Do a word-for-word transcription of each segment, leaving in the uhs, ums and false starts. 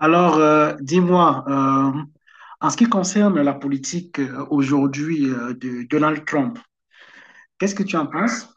Alors, euh, dis-moi, euh, en ce qui concerne la politique euh, aujourd'hui euh, de Donald Trump, qu'est-ce que tu en penses?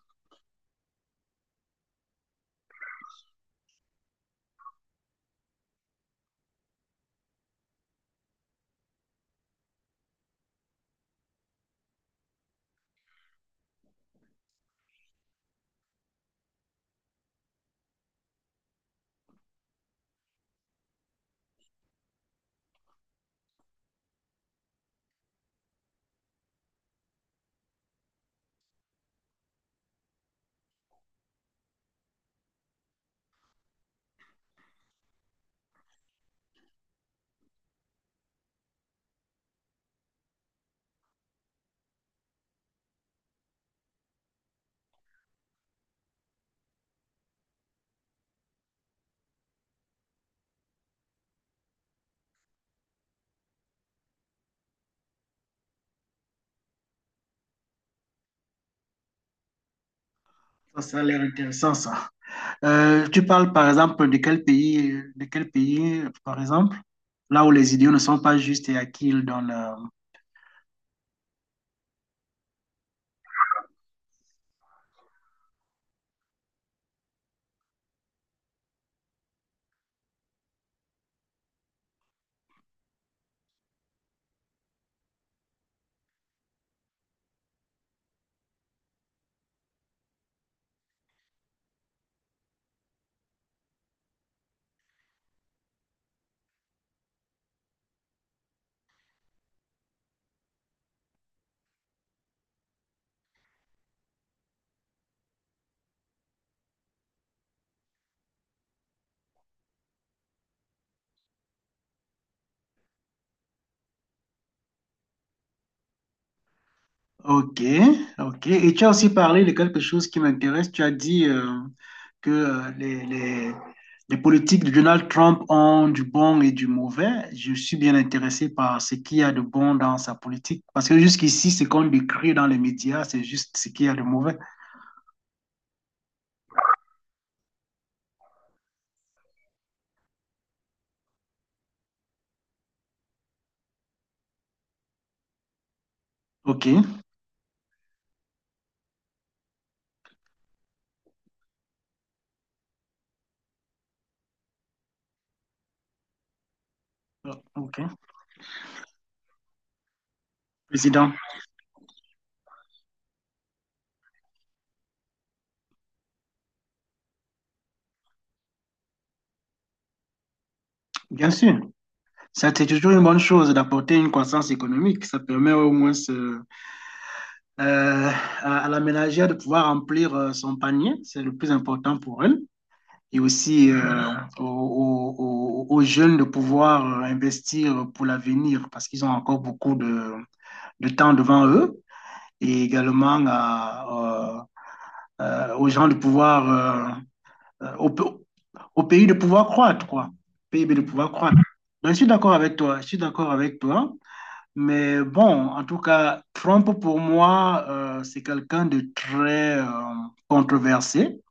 Ça, ça a l'air intéressant, ça. Euh, tu parles, par exemple, de quel pays, de quel pays, par exemple, là où les idiots ne sont pas justes et à qui ils donnent euh, ok, ok. Et tu as aussi parlé de quelque chose qui m'intéresse. Tu as dit euh, que euh, les, les, les politiques de Donald Trump ont du bon et du mauvais. Je suis bien intéressé par ce qu'il y a de bon dans sa politique. Parce que jusqu'ici, ce qu'on décrit dans les médias, c'est juste ce qu'il y a de mauvais. Ok, euh, ok. Président, bien sûr. Ça, c'est toujours une bonne chose d'apporter une croissance économique. Ça permet au moins euh, euh, à, à la ménagère de pouvoir remplir euh, son panier. C'est le plus important pour elle. Et aussi euh, aux, aux- aux- aux jeunes de pouvoir euh, investir pour l'avenir parce qu'ils ont encore beaucoup de, de temps devant eux et également à, euh, euh, aux gens de pouvoir, euh, euh, au, pe- au pays de pouvoir croître, quoi. P I B de pouvoir croître. Donc, je suis d'accord avec toi, je suis d'accord avec toi. Mais bon, en tout cas, Trump, pour moi, euh, c'est quelqu'un de très euh, controversé.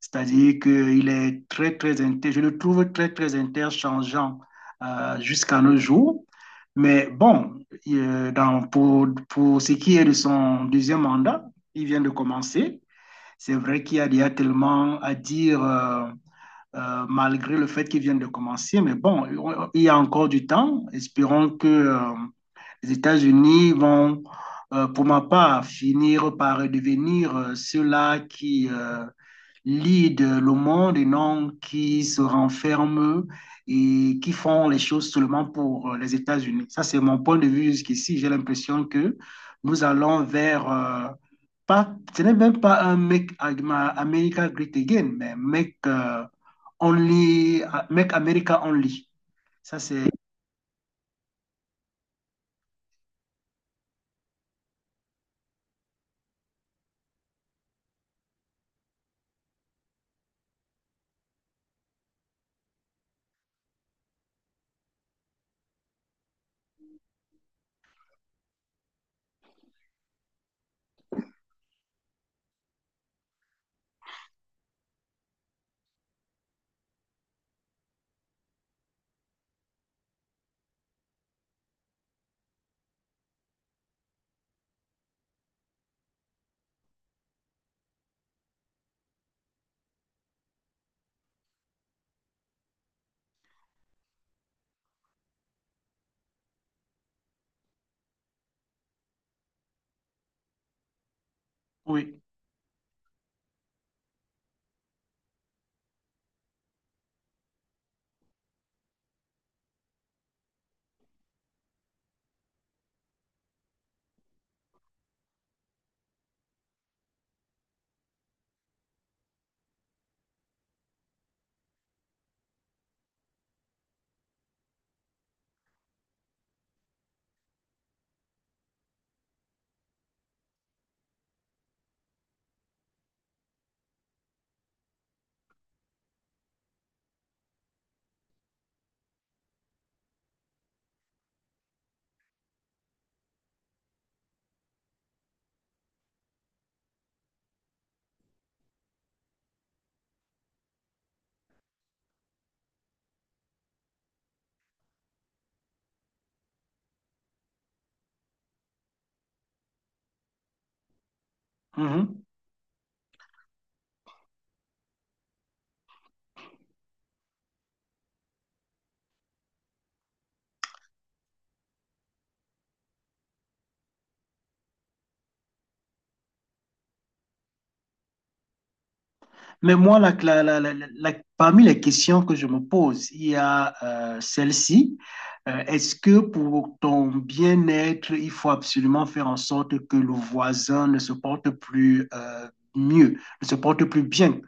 C'est-à-dire qu'il est très, très inter... je le trouve très, très interchangeant euh, jusqu'à nos jours. Mais bon, euh, dans- pour, pour ce qui est de son deuxième mandat, il vient de commencer. C'est vrai qu'il y a déjà tellement à dire, euh, euh, malgré le fait qu'il vient de commencer. Mais bon, il y a encore du temps. Espérons que euh, les États-Unis vont, euh, pour ma part, finir par devenir euh, ceux-là qui... euh, lead le monde et non qui se renferment et qui font les choses seulement pour euh, les États-Unis. Ça, c'est mon point de vue jusqu'ici. J'ai l'impression que nous allons vers, euh, pas, ce n'est même pas un Make America Great Again, mais Make, euh, only, Make America Only. Ça, c'est, oui. Mhm. Mais moi, la- la- la- la- la- la- parmi les questions que je me pose, il y a euh, celle-ci. Euh, est-ce que pour ton bien-être, il faut absolument faire en sorte que le voisin ne se porte plus euh, mieux, ne se porte plus bien?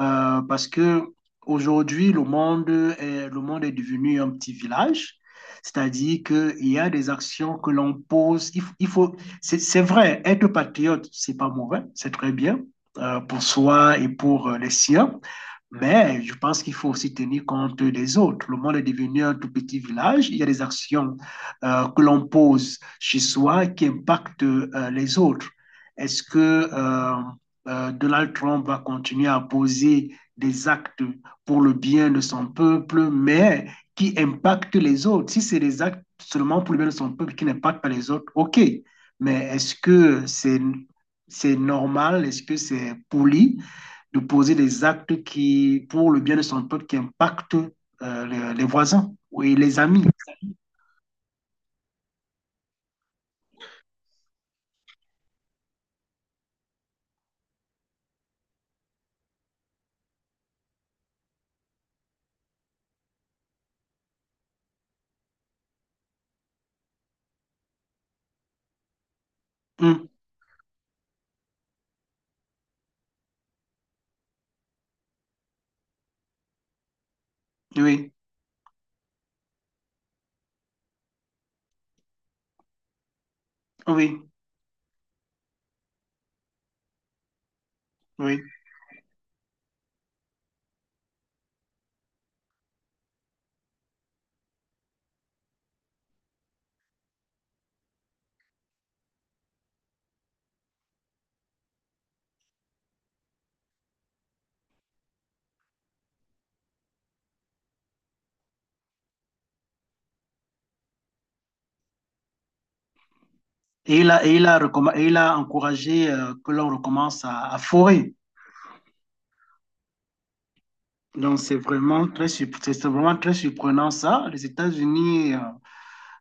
Euh, parce que aujourd'hui, le monde est, le monde est devenu un petit village. C'est-à-dire qu'il y a des actions que l'on pose. Il, f- il faut, c'est, c'est vrai, être patriote, c'est pas mauvais, c'est très bien euh, pour soi et pour euh, les siens. Mais je pense qu'il faut aussi tenir compte des autres. Le monde est devenu un tout petit village. Il y a des actions euh, que l'on pose chez soi qui impactent euh, les autres. Est-ce que euh, euh, Donald Trump va continuer à poser des actes pour le bien de son peuple, mais qui impactent les autres. Si c'est des actes seulement pour le bien de son peuple qui n'impactent pas les autres, OK. Mais est-ce que c'est c'est normal, est-ce que c'est poli de poser des actes qui, pour le bien de son peuple, qui impactent euh, les, les, voisins oui, les amis. Mmh, oui, oui, oui. Et il a, et il a, recomm- et il a encouragé euh, que l'on recommence à, à forer. Donc, c'est vraiment très, surp- c'est c'est vraiment très surprenant ça. Les États-Unis euh,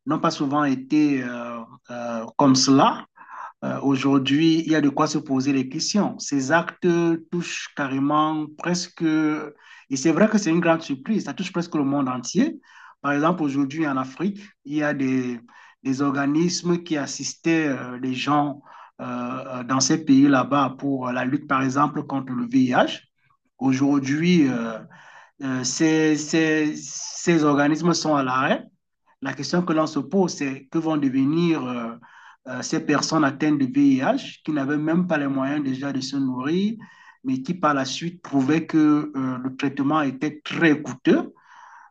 n'ont pas souvent été euh, euh, comme cela. Euh, aujourd'hui, il y a de quoi se poser les questions. Ces actes touchent carrément presque, et c'est vrai que c'est une grande surprise, ça touche presque le monde entier. Par exemple, aujourd'hui en Afrique, il y a des, des organismes qui assistaient euh, les gens euh, euh, dans ces pays là-bas pour la lutte, par exemple, contre le V I H. Aujourd'hui, euh, euh, ces, ces, ces organismes sont à l'arrêt, la question que l'on se pose, c'est que vont devenir euh, euh, ces personnes atteintes de V I H qui n'avaient même pas les moyens déjà de se nourrir, mais qui par la suite prouvaient que euh, le traitement était très coûteux.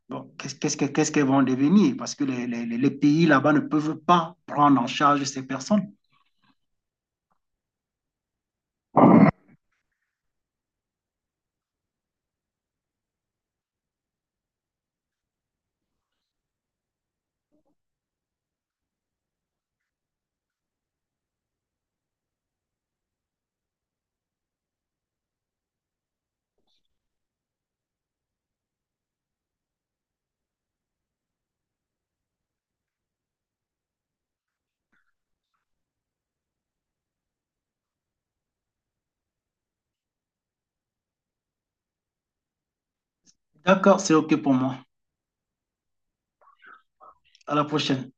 Bon, qu'est-ce qu'est-ce qu'est-ce qu'elles vont devenir? Parce que les, les- les- les pays là-bas ne peuvent pas prendre en charge ces personnes. D'accord, c'est OK pour moi. À la prochaine.